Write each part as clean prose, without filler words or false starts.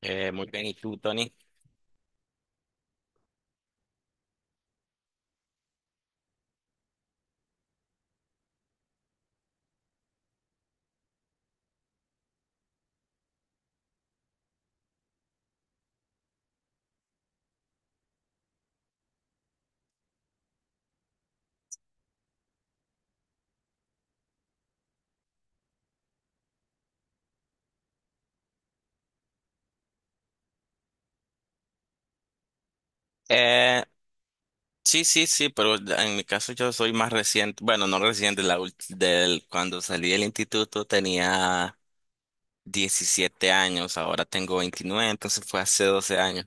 Muy bien, ¿y tú, Tony? Eh, sí, sí, sí, pero en mi caso yo soy más reciente, bueno, no reciente, cuando salí del instituto tenía 17 años, ahora tengo 29 entonces fue hace 12 años.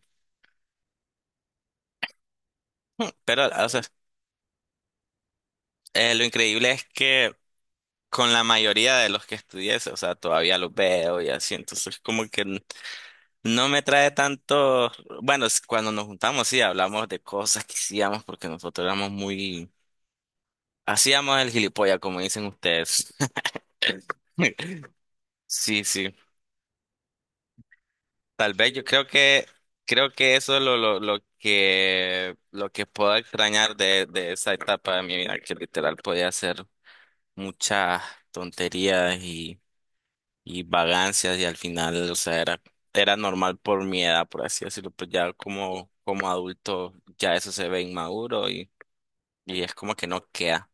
Hmm. Pero, o sea, lo increíble es que con la mayoría de los que estudié, o sea, todavía los veo y así, entonces no me trae tanto, bueno, es cuando nos juntamos sí hablamos de cosas que hacíamos porque nosotros éramos muy... Hacíamos el gilipollas, como dicen ustedes. Sí, sí. Tal vez yo creo que eso es lo que lo que puedo extrañar de esa etapa de mi vida, que literal podía hacer muchas tonterías y vagancias y al final, o sea, era, era normal por mi edad, por así decirlo, pues ya como, como adulto ya eso se ve inmaduro y es como que no queda.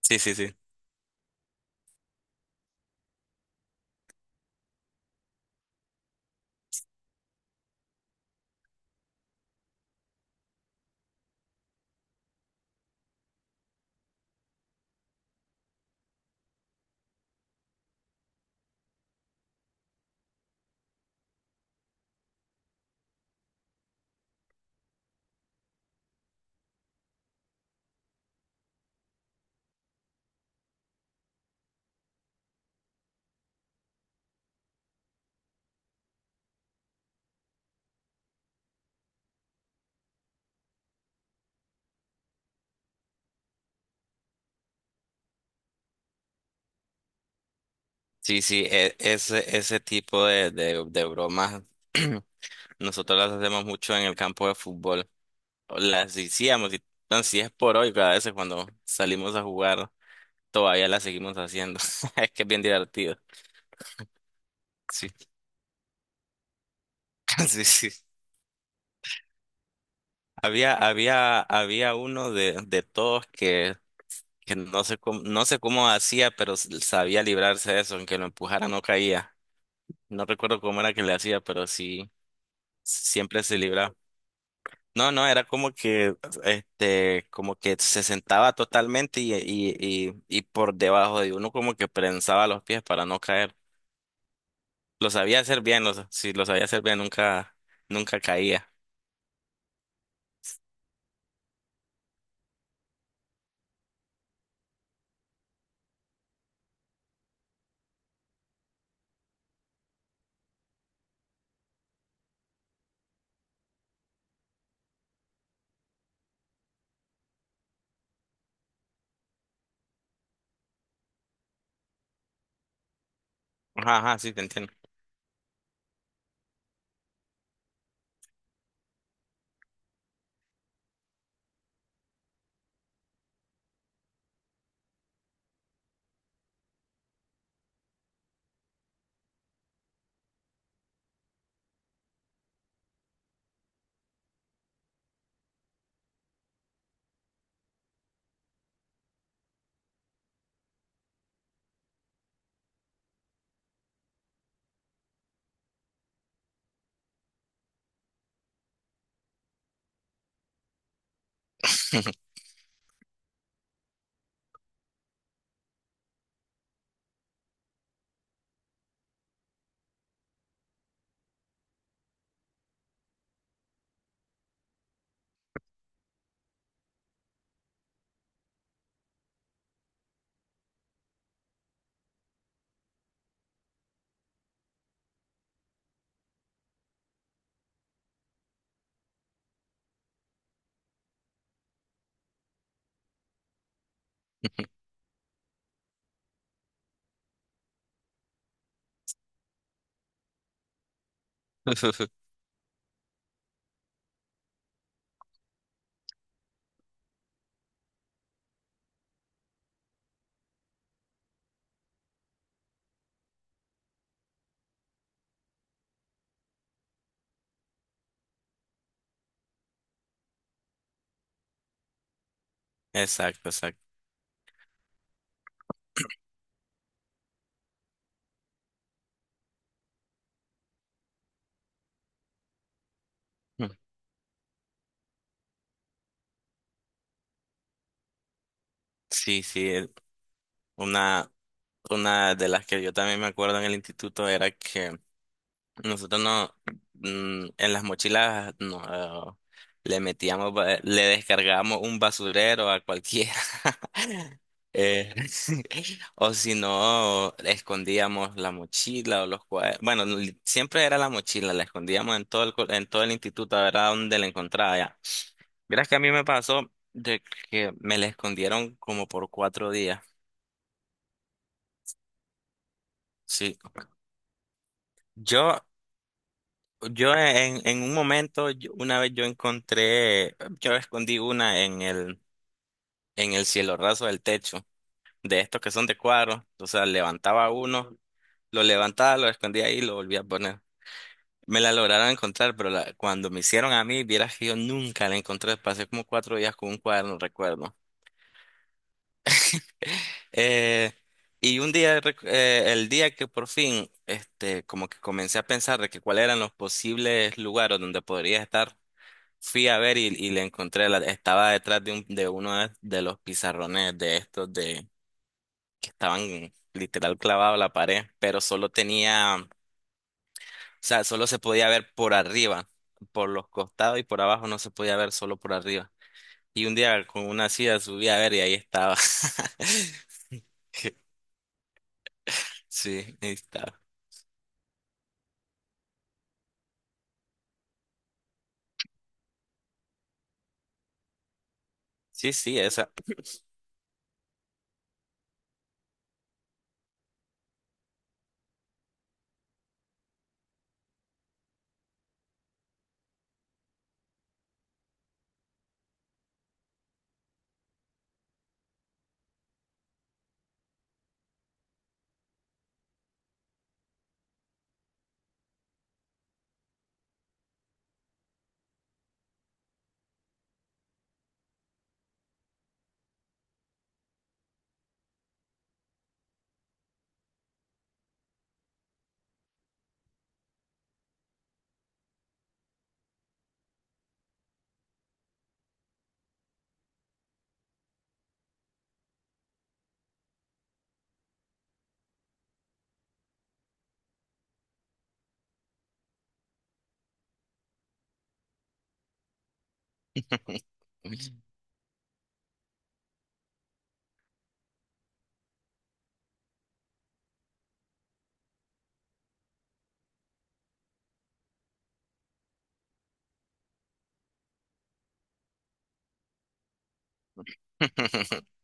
Sí, sí, sí. Sí, sí, ese, ese tipo de bromas. Nosotros las hacemos mucho en el campo de fútbol. Las hacíamos, y no, si es por hoy, cada vez cuando salimos a jugar, todavía las seguimos haciendo. Es que es bien divertido. Sí, sí, sí. Había uno de todos que no sé cómo, no sé cómo hacía, pero sabía librarse de eso, aunque lo empujara no caía. No recuerdo cómo era que le hacía, pero sí, siempre se libraba. No, no, era como que, este, como que se sentaba totalmente y por debajo de uno como que prensaba los pies para no caer. Lo sabía hacer bien, sí, lo sabía hacer bien, nunca, nunca caía. Ajá, ajá, sí, te entiendo. Exacto, exacto. Mm. Sí, sí, una, una de las que yo también me acuerdo en el instituto era que nosotros no, en las mochilas no, le metíamos, le descargábamos un basurero a cualquiera. Eh, o si no, escondíamos la mochila o los cuadernos. Bueno, siempre era la mochila, la escondíamos en todo el, en todo el instituto, a ver a dónde la encontraba ya. Verás que a mí me pasó de que me la escondieron como por 4 días. Sí. Yo Yo en un momento, una vez yo encontré, yo escondí una en el cielo raso del techo, de estos que son de cuadros, o sea, levantaba uno, lo levantaba, lo escondía ahí y lo volvía a poner. Me la lograron encontrar, pero cuando me hicieron a mí, vieras que yo nunca la encontré, pasé como 4 días con un cuaderno, recuerdo. Eh, y un día, el día que por fin, este, como que comencé a pensar de que cuáles eran los posibles lugares donde podría estar. Fui a ver y le encontré, estaba detrás de, un, de uno de los pizarrones de estos de que estaban literal clavados a la pared, pero solo tenía, o sea, solo se podía ver por arriba, por los costados y por abajo no se podía ver solo por arriba. Y un día con una silla subí a ver y ahí estaba. Sí, ahí estaba. Sí, sí, esa.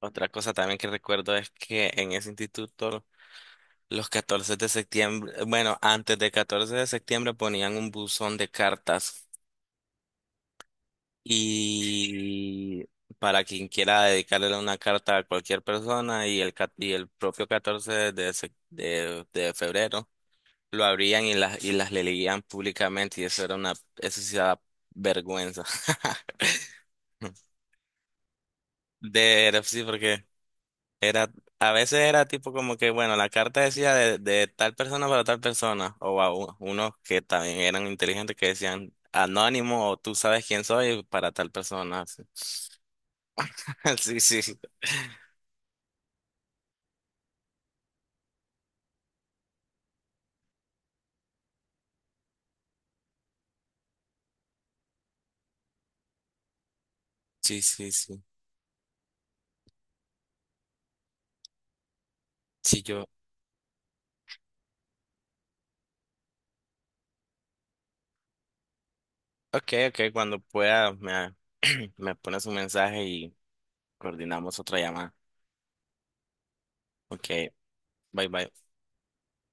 Otra cosa también que recuerdo es que en ese instituto los 14 de septiembre, bueno, antes del 14 de septiembre ponían un buzón de cartas y para quien quiera dedicarle una carta a cualquier persona, y el, y el propio 14 de, de febrero lo abrían y las leían públicamente y eso era una, eso sí da vergüenza. De, sí, porque era, a veces era tipo como que, bueno, la carta decía de tal persona para tal persona, o unos que también eran inteligentes que decían anónimo o tú sabes quién soy para tal persona. Sí, sí, sí, sí, sí, sí. Sí. Sí, yo, ok, ok, cuando pueda me, me pones un mensaje y coordinamos otra llamada. Ok, bye, bye.